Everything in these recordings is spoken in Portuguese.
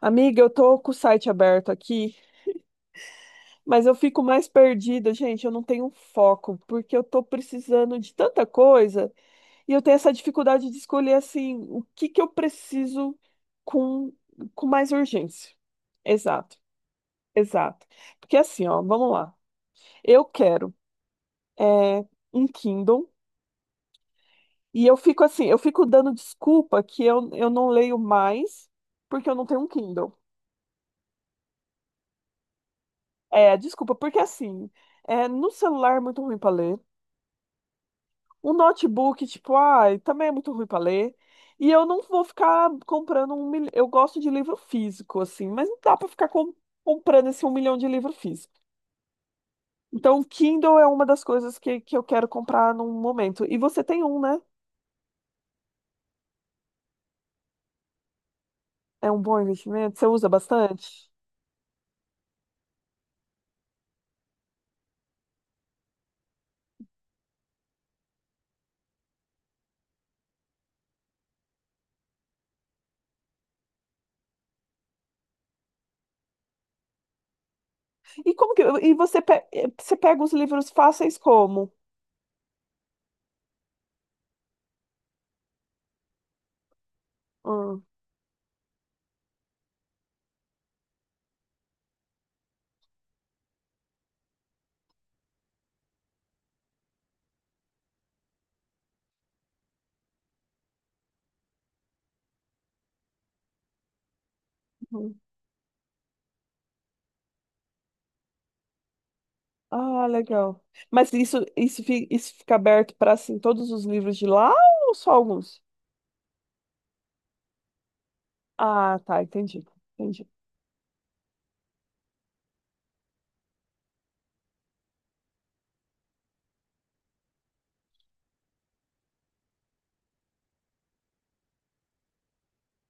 Amiga, eu tô com o site aberto aqui, mas eu fico mais perdida, gente. Eu não tenho foco, porque eu tô precisando de tanta coisa e eu tenho essa dificuldade de escolher assim o que que eu preciso com, com mais urgência. Exato, exato. Porque assim, ó, vamos lá. Eu quero é, um Kindle e eu fico assim, eu fico dando desculpa que eu não leio mais porque eu não tenho um Kindle. É, desculpa, porque assim, no celular é muito ruim para ler. Um notebook, tipo, ai, também é muito ruim para ler. E eu não vou ficar comprando um milhão. Eu gosto de livro físico, assim, mas não dá para ficar comprando esse um milhão de livro físico. Então, o Kindle é uma das coisas que eu quero comprar num momento. E você tem um, né? É um bom investimento? Você usa bastante? E como que, e você, você pega os livros fáceis como? Hum. Ah, legal. Mas isso fica aberto para assim, todos os livros de lá ou só alguns? Ah, tá, entendi. Entendi.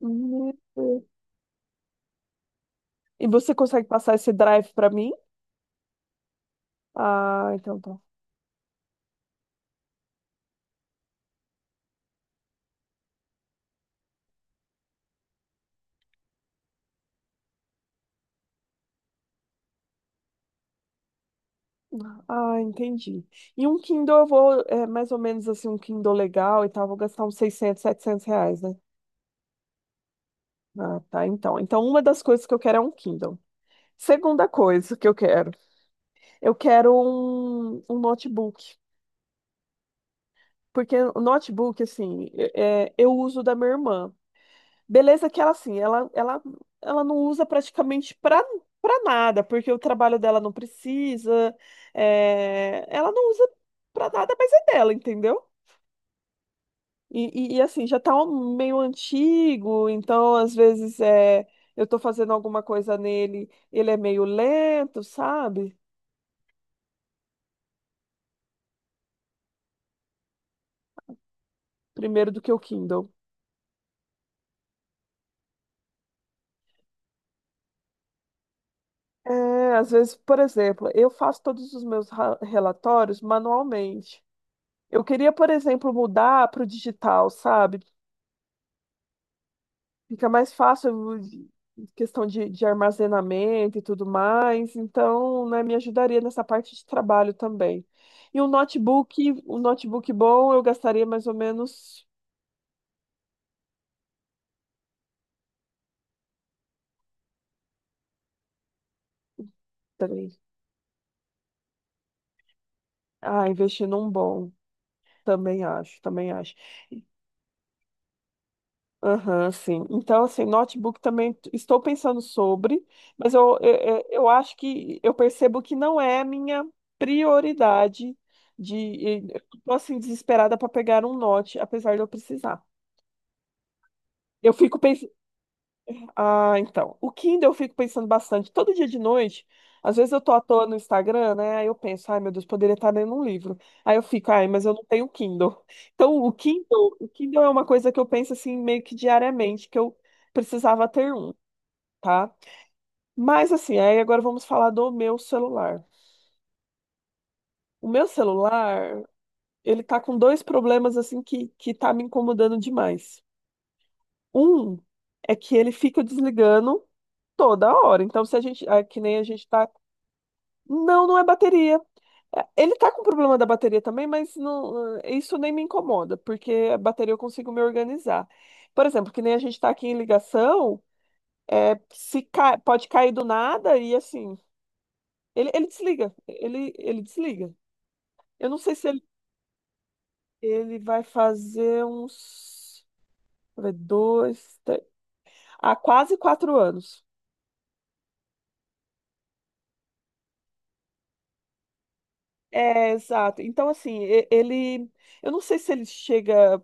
Hum. E você consegue passar esse drive para mim? Ah, então tá. Ah, entendi. E um Kindle eu vou, mais ou menos assim, um Kindle legal e tal, vou gastar uns 600, 700 reais, né? Ah, tá, então. Então, uma das coisas que eu quero é um Kindle. Segunda coisa que eu quero um notebook. Porque o notebook, assim, eu uso da minha irmã. Beleza que ela, assim, ela não usa praticamente pra nada, porque o trabalho dela não precisa, ela não usa pra nada, mas é dela, entendeu? Assim, já tá um meio antigo, então às vezes eu tô fazendo alguma coisa nele, ele é meio lento, sabe? Primeiro do que o Kindle. É, às vezes, por exemplo, eu faço todos os meus relatórios manualmente. Eu queria, por exemplo, mudar para o digital, sabe? Fica mais fácil questão de armazenamento e tudo mais. Então, né, me ajudaria nessa parte de trabalho também. E um notebook bom, eu gastaria mais ou menos três. Ah, investir num bom. Também acho, também acho. Aham, sim. Então, assim, notebook também estou pensando sobre, mas eu acho que eu percebo que não é a minha prioridade de, estou assim, desesperada para pegar um note, apesar de eu precisar. Eu fico então. O Kindle eu fico pensando bastante. Todo dia de noite, às vezes eu tô à toa no Instagram, né? Aí eu penso, ai meu Deus, poderia estar lendo um livro. Aí eu fico, ai, mas eu não tenho Kindle. Então, o Kindle é uma coisa que eu penso assim meio que diariamente, que eu precisava ter um, tá? Mas assim, aí agora vamos falar do meu celular. O meu celular, ele tá com dois problemas assim que tá me incomodando demais. Um é que ele fica desligando toda hora. Então, se a gente, é que nem a gente tá. Não, não é bateria. É, ele tá com problema da bateria também, mas não, isso nem me incomoda, porque a bateria eu consigo me organizar. Por exemplo, que nem a gente tá aqui em ligação, se pode cair do nada e assim, ele desliga, ele desliga. Eu não sei se ele, ele vai fazer uns, deixa eu ver, dois, três, há quase 4 anos. É, exato. Então, assim, ele, eu não sei se ele chega.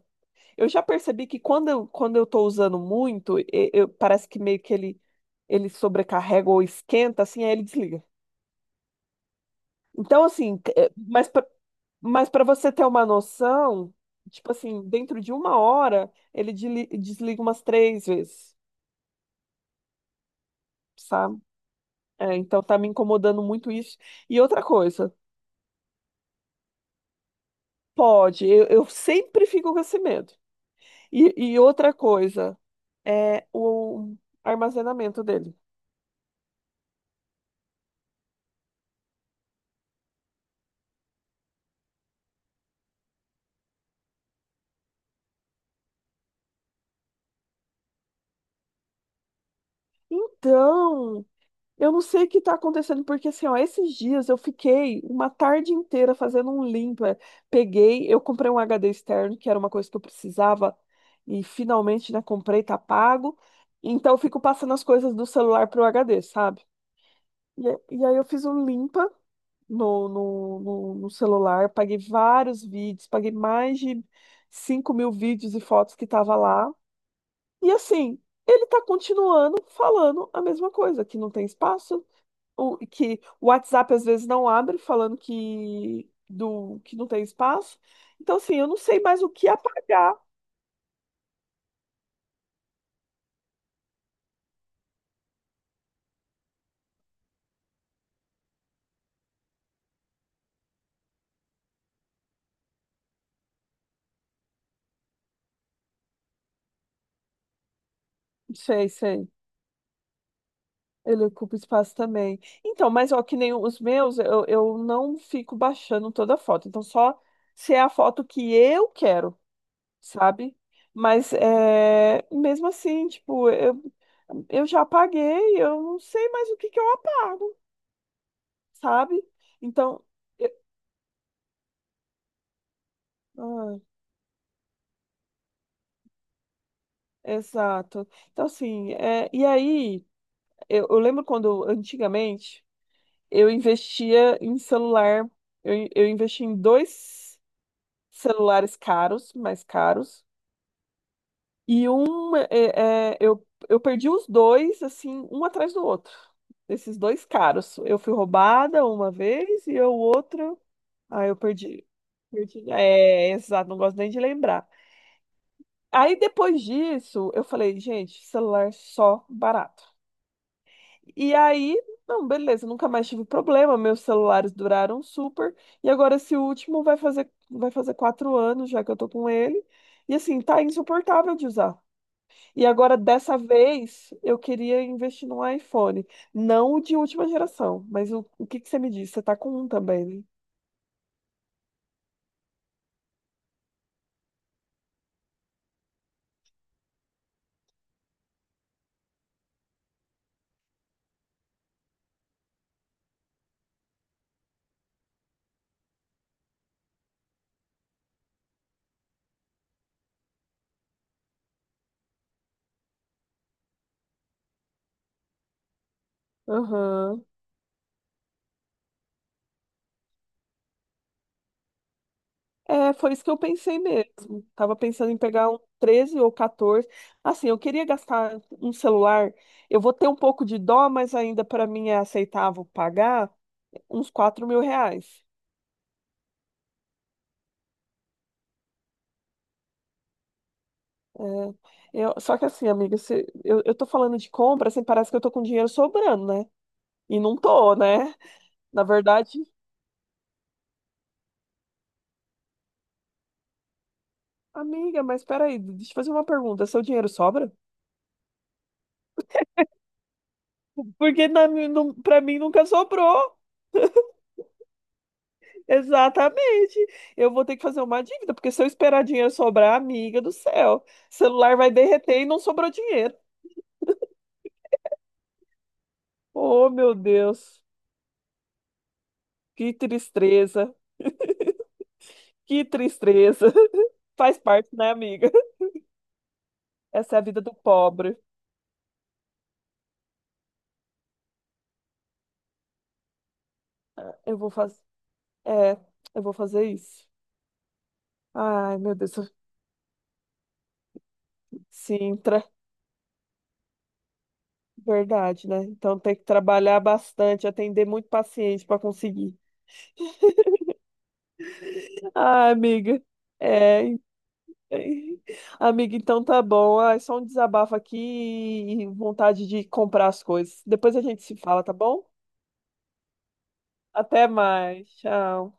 Eu já percebi que quando eu tô usando muito, parece que meio que ele sobrecarrega ou esquenta, assim, aí ele desliga. Então, assim, mas mas para você ter uma noção, tipo assim, dentro de uma hora, ele desliga umas três vezes, sabe? É, então tá me incomodando muito isso. E outra coisa, pode, eu sempre fico com esse medo. E outra coisa, é o armazenamento dele. Então, eu não sei o que está acontecendo, porque assim, ó, esses dias eu fiquei uma tarde inteira fazendo um limpa. Peguei, eu comprei um HD externo, que era uma coisa que eu precisava, e finalmente, né, comprei, tá pago. Então eu fico passando as coisas do celular pro HD, sabe? E aí eu fiz um limpa no celular, paguei vários vídeos, paguei mais de 5.000 vídeos e fotos que tava lá. E assim, ele tá continuando falando a mesma coisa, que não tem espaço, que o WhatsApp às vezes não abre, falando que, do, que não tem espaço. Então, assim, eu não sei mais o que apagar. Sei, sei. Ele ocupa espaço também. Então, mas ó, que nem os meus, eu não fico baixando toda a foto. Então, só se é a foto que eu quero, sabe? Mas é, mesmo assim, tipo, eu já apaguei, eu não sei mais o que que eu apago, sabe? Então, eu- exato. Então, assim, e aí, eu lembro quando, antigamente, eu investia em celular, eu investi em dois celulares caros, mais caros, e um, eu perdi os dois, assim, um atrás do outro, esses dois caros. Eu fui roubada uma vez e o outro, ah, eu perdi. Perdi. É, exato, não gosto nem de lembrar. Aí, depois disso, eu falei, gente, celular só barato. E aí, não, beleza, nunca mais tive problema, meus celulares duraram super. E agora esse último vai fazer 4 anos já que eu tô com ele. E assim, tá insuportável de usar. E agora, dessa vez, eu queria investir num iPhone. Não o de última geração, mas o que que você me disse? Você tá com um também, né? Aham. É, foi isso que eu pensei mesmo. Tava pensando em pegar um 13 ou 14. Assim, eu queria gastar um celular. Eu vou ter um pouco de dó, mas ainda para mim é aceitável pagar uns 4.000 reais. É, só que assim, amiga, eu tô falando de compra, assim, parece que eu tô com dinheiro sobrando, né? E não tô, né? Na verdade, amiga, mas peraí, deixa eu fazer uma pergunta. Seu dinheiro sobra? Porque na, mim, não, pra mim nunca sobrou. Exatamente. Eu vou ter que fazer uma dívida, porque se eu esperar dinheiro sobrar, amiga do céu, celular vai derreter e não sobrou dinheiro. Oh, meu Deus, que tristeza, que tristeza. Faz parte, né, amiga? Essa é a vida do pobre. Ah, é, eu vou fazer isso. Ai, meu Deus, Sintra, verdade, né? Então tem que trabalhar bastante, atender muito paciente para conseguir. Ai, amiga, é, Amiga, então tá bom. Ah, é só um desabafo aqui e vontade de comprar as coisas. Depois a gente se fala, tá bom? Até mais. Tchau.